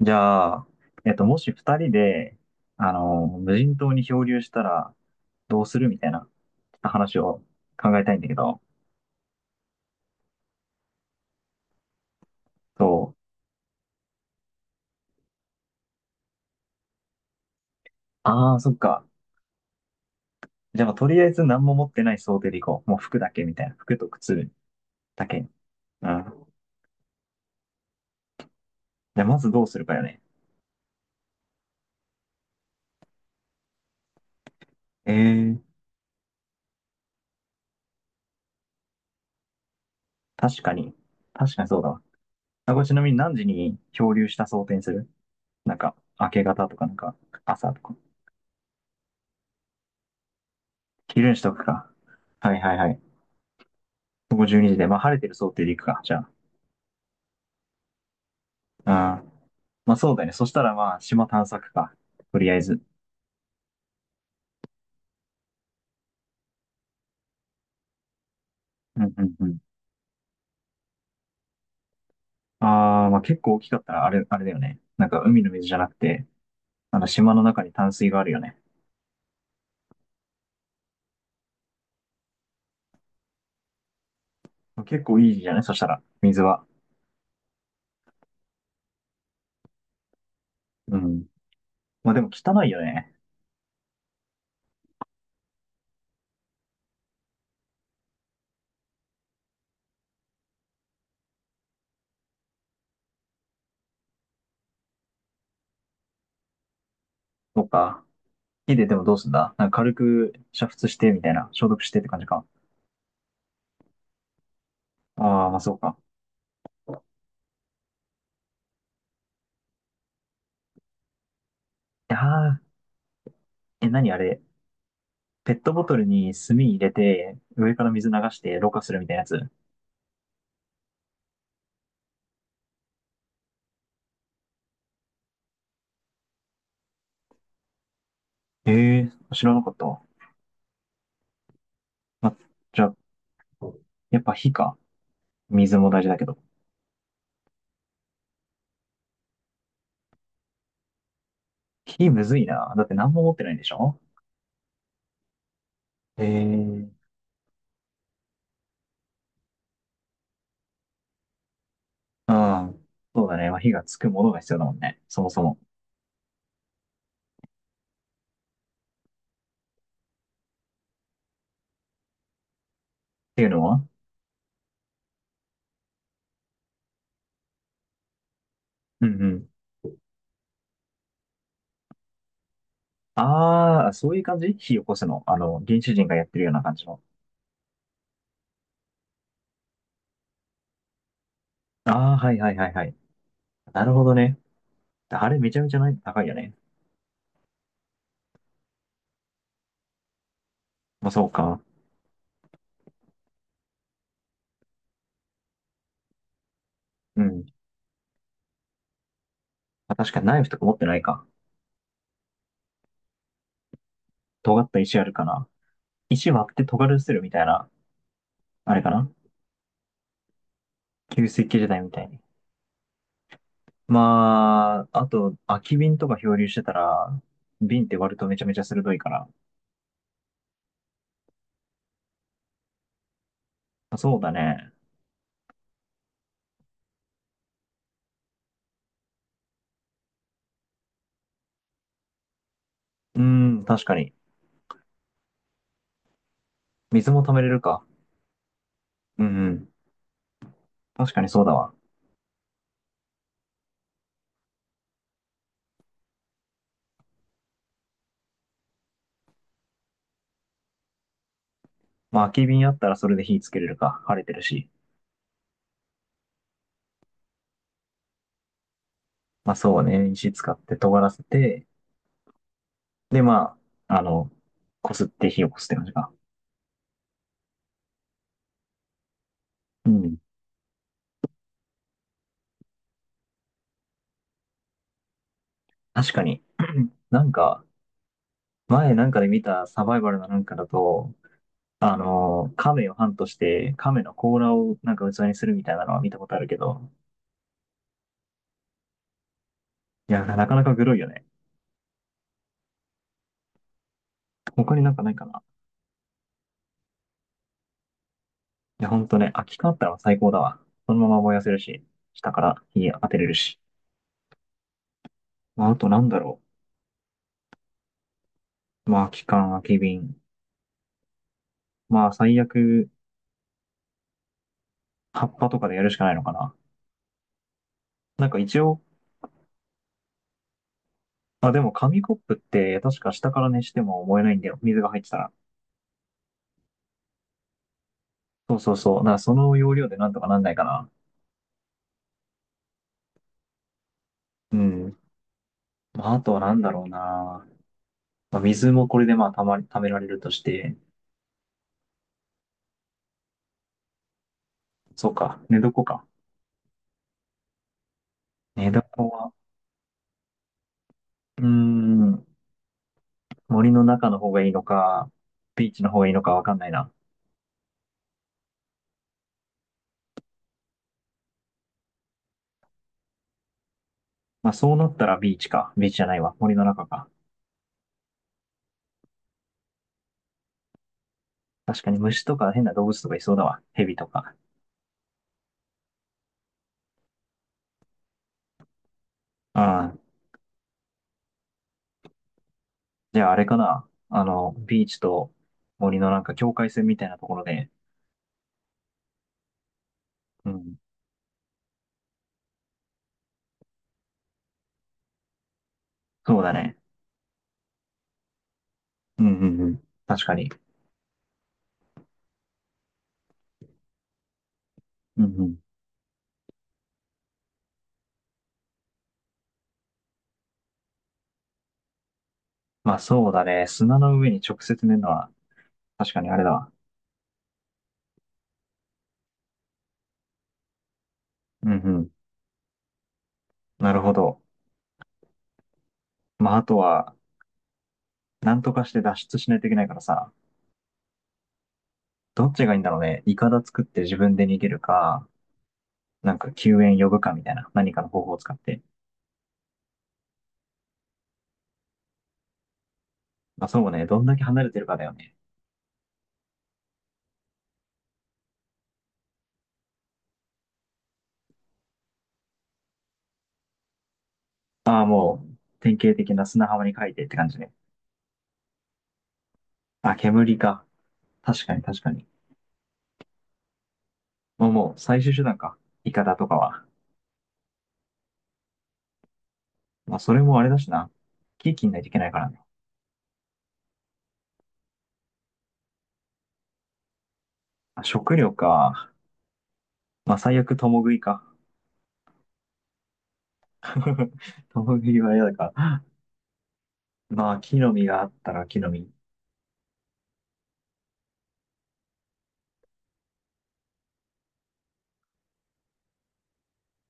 じゃあ、もし二人で、無人島に漂流したら、どうするみたいな、ちょっと話を考えたいんだけど、そう。ああ、そっか。じゃあ、まあとりあえず何も持ってない想定でいこう。もう服だけみたいな。服と靴だけ。うん。じゃあ、まずどうするかよね。ええー、確かに。確かにそうだわ。あ、これちなみに何時に漂流した想定にする？なんか、明け方とか、なんか、朝とか。昼にしとくか。はいはいはい。午後12時で、まあ、晴れてる想定でいくか。じゃあ。まあそうだね。そしたらまあ島探索か。とりあえず。うんうんうん。ああ、まあ結構大きかったらあれだよね。なんか海の水じゃなくて、あの島の中に淡水があるよね。結構いいじゃない、そしたら。水は、うん。まあでも汚いよね。そっか。火ででもどうすんだ、なんか軽く煮沸してみたいな。消毒してって感じか。ああ、まあそうか。いやー、え、何あれ。ペットボトルに炭入れて、上から水流してろ過するみたいなやつ。ええー、知らなかった。まじゃあ、やっぱ火か。水も大事だけど。火むずいな。だって何も持ってないんでしょ？ええー、うん。そうだね。まあ、火がつくものが必要だもんね。そもそも。っていうのは、うんうん。ああ、そういう感じ火起こすの。原始人がやってるような感じの。ああ、はいはいはいはい。なるほどね。あれめちゃめちゃない高いよね。まあ、そうか。うん。まあ、確かにナイフとか持ってないか。尖った石あるかな。石割って尖るするみたいな。あれかな、旧石器時代みたいに。まあ、あと、空き瓶とか漂流してたら、瓶って割るとめちゃめちゃ鋭いから。まあそうだね。うん、確かに。水も溜めれるか。うんうん。確かにそうだわ。まあ、空き瓶あったらそれで火つけれるか。晴れてるし。まあそうね。石使って尖らせて、で、まあ、こすって火を擦こすって感じか。うん。確かに。なんか、前なんかで見たサバイバルのなんかだと、亀をハントして、亀の甲羅をなんか器にするみたいなのは見たことあるけど、いや、なかなかグロいよね。他になんかないかな。いや、ほんとね、空き缶あったら最高だわ。そのまま燃やせるし、下から火当てれるし。まあ、あとなんだろう。まあ、空き缶、空き瓶。まあ、最悪、葉っぱとかでやるしかないのかな。なんか一応、あ、でも紙コップって確か下から熱しても燃えないんだよ。水が入ってたら。そうそうそう。だからその要領でなんとかなんないかな。うん。まあ、あとはなんだろうな。まあ、水もこれでまあ、たまり、貯められるとして。そうか。寝床か。寝床は、うーん、森の中の方がいいのか、ビーチの方がいいのかわかんないな。まあそうなったらビーチか。ビーチじゃないわ。森の中か。確かに虫とか変な動物とかいそうだわ。蛇とか。うん。じゃああれかな。ビーチと森のなんか境界線みたいなところで。うん。そうだね。うんうんうん。確かに。うんうん。まあそうだね。砂の上に直接寝るのは確かにあれだわ。うんうん。なるほど。まああとは、なんとかして脱出しないといけないからさ。どっちがいいんだろうね。イカダ作って自分で逃げるか、なんか救援呼ぶかみたいな、何かの方法を使って。まあそうね、どんだけ離れてるかだよね。ああ、もう、典型的な砂浜に書いてって感じね。あ、煙か。確かに確かに。もう、最終手段か。イカダとかは。まあそれもあれだしな。木切んないといけないからね。まあ、食料か。まあ最悪、共食いか。共食いは嫌だから。まあ木の実があったら木の実。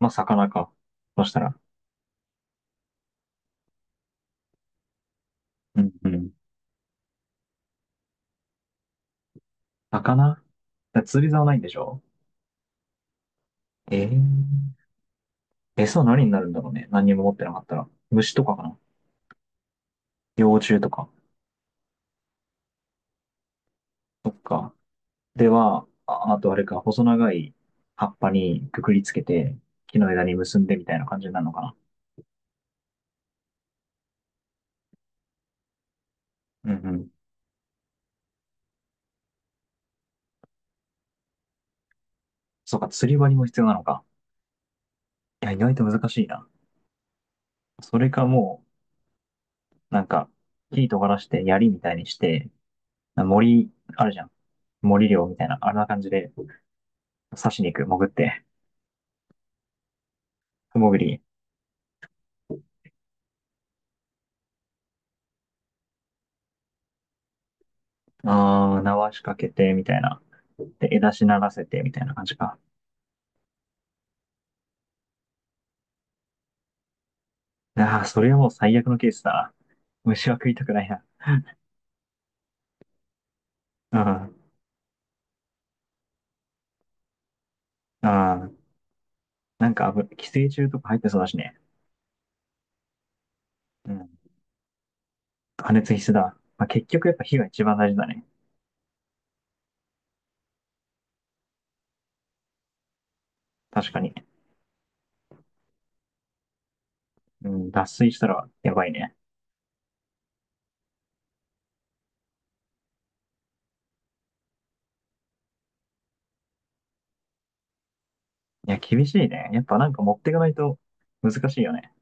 まあ魚か。そしたら。うんうん。魚、釣り竿ないんでしょ？えー、餌は何になるんだろうね。何にも持ってなかったら。虫とかかな。幼虫とか。そっか。では、あ、あとあれか、細長い葉っぱにくくりつけて、木の枝に結んでみたいな感じになるのかな。うんうん。そうか、釣り針も必要なのか。いや、意外と難しいな。それかもう、なんか、木尖らして、槍みたいにして、森、あるじゃん。森漁みたいな、あんな感じで、刺しに行く、潜って、潜り、ああ、縄仕掛けて、みたいな。で、枝しならせて、みたいな感じか。ああ、それはもう最悪のケースだな。虫は食いたくないな。うん。ああ、なんか危ない、寄生虫とか入ってそうだしね。うん。加熱必須だ。まあ、結局やっぱ火が一番大事だね。確かに。うん、脱水したらやばいね。いや、厳しいね。やっぱなんか持っていかないと難しいよね。